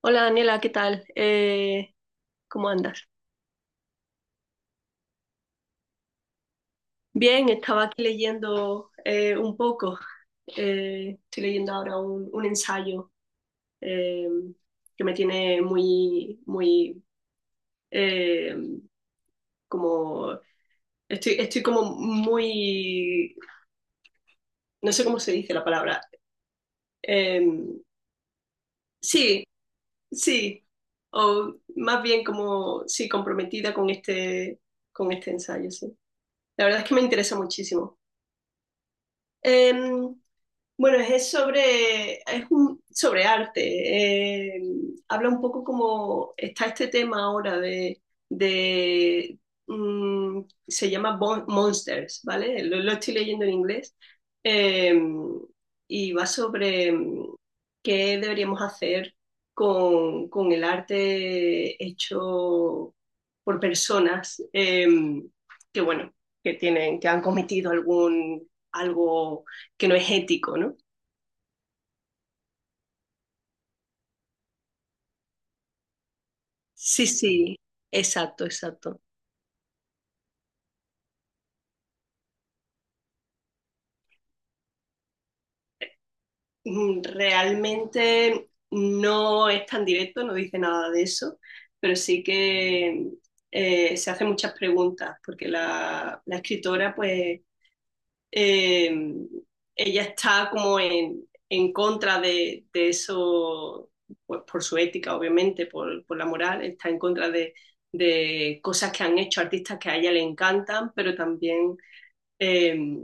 Hola Daniela, ¿qué tal? ¿Cómo andas? Bien, estaba aquí leyendo un poco. Estoy leyendo ahora un ensayo eh, que me tiene muy, muy, eh, como, estoy como muy, no sé cómo se dice la palabra. Eh, sí, sí, o más bien como, sí, comprometida con este ensayo, sí. La verdad es que me interesa muchísimo. Em, Bueno, es sobre, es un, sobre arte. eh, habla un poco como está este tema ahora de, mm, se llama Monsters, ¿vale? Lo estoy leyendo en inglés. eh, y va sobre qué deberíamos hacer con el arte hecho por personas bueno, que han cometido algo que no es ético, ¿no? Sí, sí, exacto, exacto. Realmente no es tan directo, no dice nada de eso, pero sí que se hace muchas preguntas, porque la escritora, pues, eh, ella está como en contra de eso, pues por su ética, obviamente, por la moral, está en contra de cosas que han hecho artistas que a ella le encantan, pero también eh,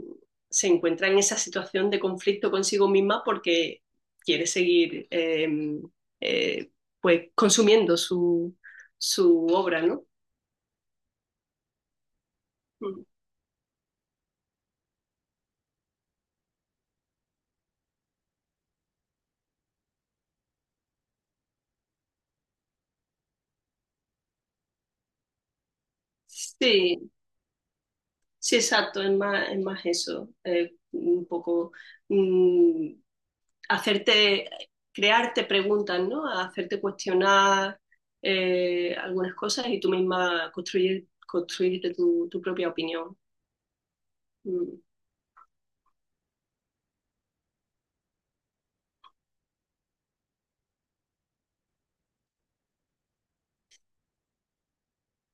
se encuentra en esa situación de conflicto consigo misma porque quiere seguir eh, pues consumiendo su obra, ¿no? Sí, sí, exacto, es más eso, un poco mm, hacerte, crearte preguntas, ¿no? Hacerte cuestionar algunas cosas y tú misma construirte tu propia opinión. Mm.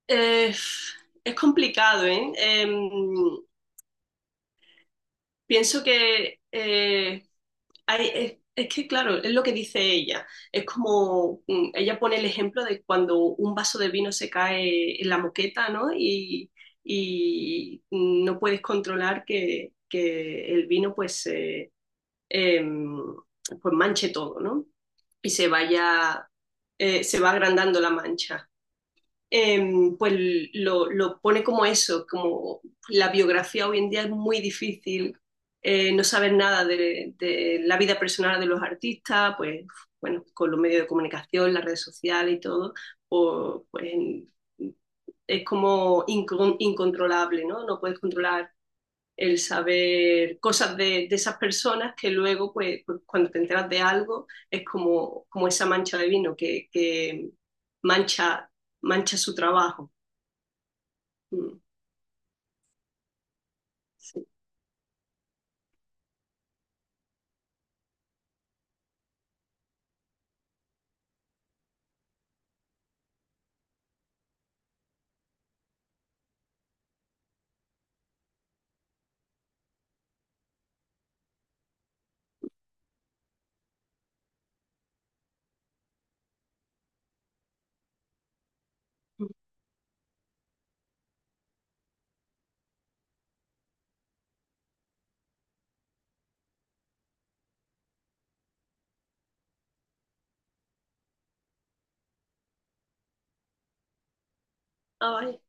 Eh, es complicado, ¿eh? Pienso que es que, claro, es lo que dice ella. Es como, ella pone el ejemplo de cuando un vaso de vino se cae en la moqueta, ¿no? Y no puedes controlar que el vino, pues, em, pues manche todo, ¿no? Y se vaya, se va agrandando la mancha, eh, pues pone como eso, como la biografía hoy en día es muy difícil, no saber nada la vida personal de los artistas, pues bueno, con los medios de comunicación, las redes sociales y todo, pues es como incontrolable, ¿no? No puedes controlar el saber cosas de esas personas que luego, pues, cuando te enteras de algo, es como, como esa mancha de vino que mancha, mancha su trabajo. Mm, sí. Ay,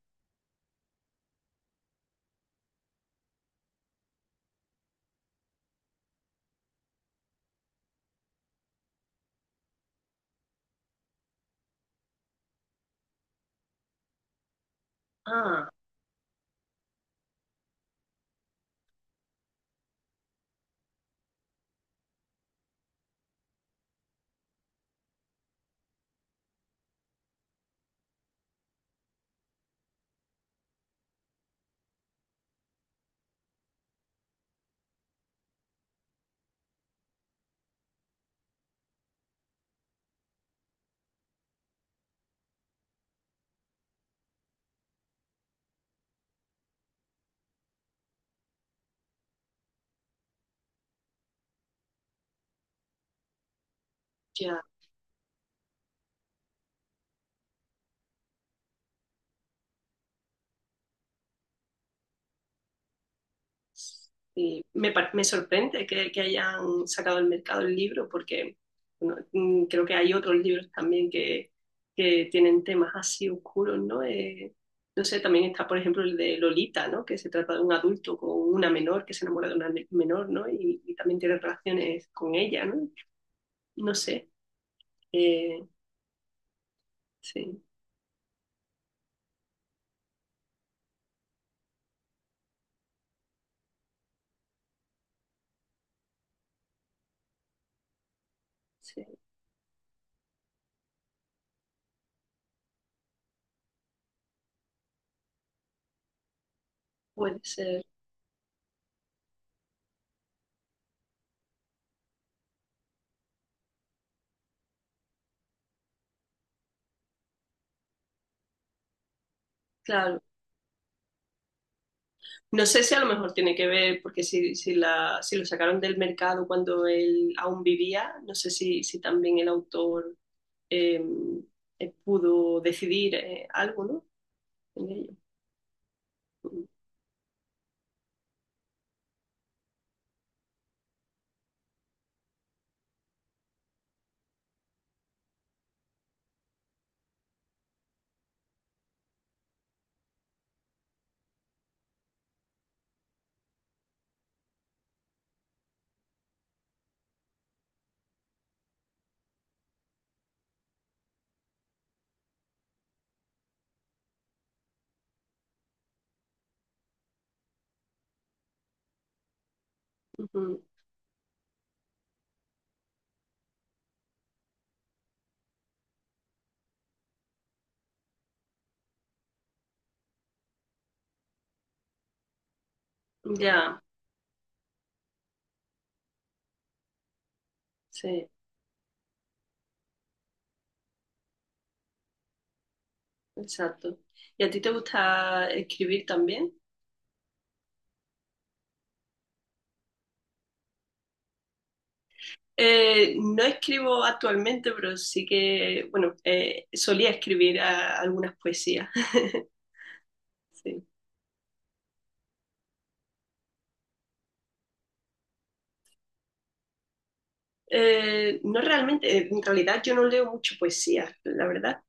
ah, ya. Y me sorprende que hayan sacado al mercado el libro porque bueno, creo que hay otros libros también que tienen temas así oscuros, ¿no? No sé, también está, por ejemplo, el de Lolita, ¿no? Que se trata de un adulto con una menor que se enamora de una menor, ¿no? Y también tiene relaciones con ella, ¿no? No sé, eh, sí, sí, puede ser. Claro. No sé si a lo mejor tiene que ver, porque si lo sacaron del mercado cuando él aún vivía, no sé si también el autor eh, pudo decidir algo, ¿no? En ello. Ujú. Ya, sí, exacto. ¿Y a ti te gusta escribir también? No escribo actualmente, pero sí que, bueno, solía escribir algunas poesías. Sí. No realmente, en realidad yo no leo mucho poesía, la verdad,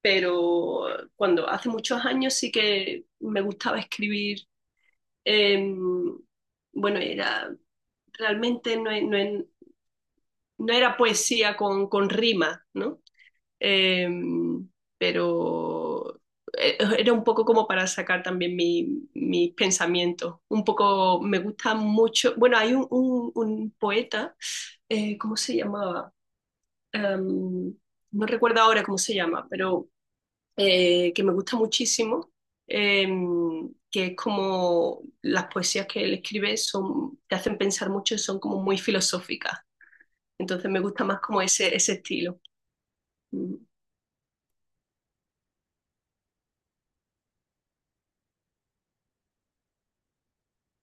pero cuando hace muchos años sí que me gustaba escribir. eh, bueno, era realmente no, e- no e- no era poesía con rima, ¿no? Eh, pero era un poco como para sacar también mis pensamientos. Un poco me gusta mucho. Bueno, hay un poeta, ¿cómo se llamaba? em, no recuerdo ahora cómo se llama, pero que me gusta muchísimo, que es como las poesías que él escribe son, te hacen pensar mucho y son como muy filosóficas. Entonces me gusta más como ese estilo. Mm.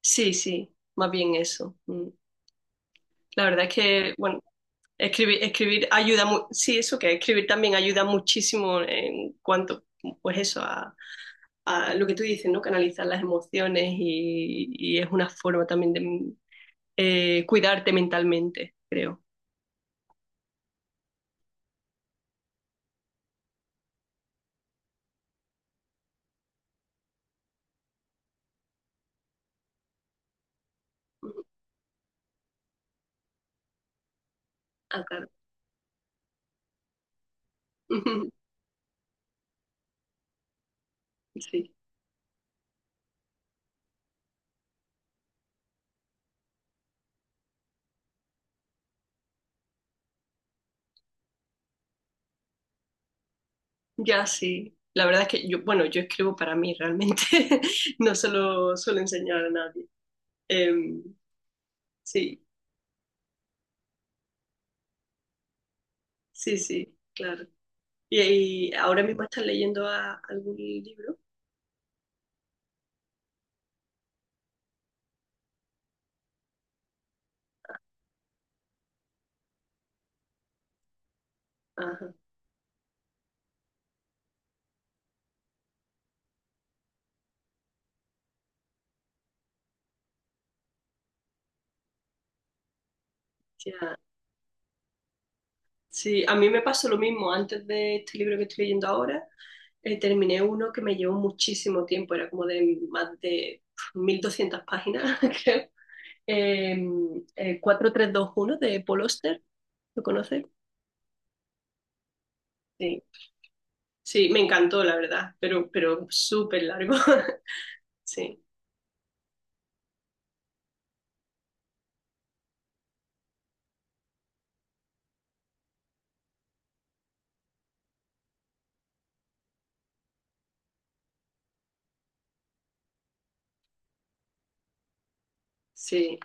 Sí, sí, más bien eso. Mm. La verdad es que, bueno, escribir, escribir ayuda, sí, eso que escribir también ayuda muchísimo en cuanto, pues eso, a lo que tú dices, ¿no? Canalizar las emociones y es una forma también de cuidarte mentalmente, creo. Ujú. Ah, claro. Sí, ya sí. La verdad es que yo, bueno, yo escribo para mí realmente, no se lo suelo enseñar a nadie. Em, sí, sí, sí, claro. ¿Y ahora mismo estás leyendo algún libro? Ajá. Ya. Sí, a mí me pasó lo mismo. Antes de este libro que estoy leyendo ahora, terminé uno que me llevó muchísimo tiempo. Era como de más de 1.200 páginas, creo. Eh, 4 3 2 1 de Paul Auster. ¿Lo conoces? Sí. Sí, me encantó, la verdad, pero, súper largo. Sí, sí,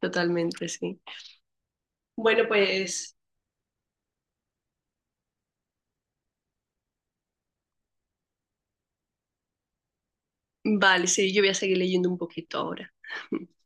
totalmente, sí. Bueno, pues vale, sí, yo voy a seguir leyendo un poquito ahora.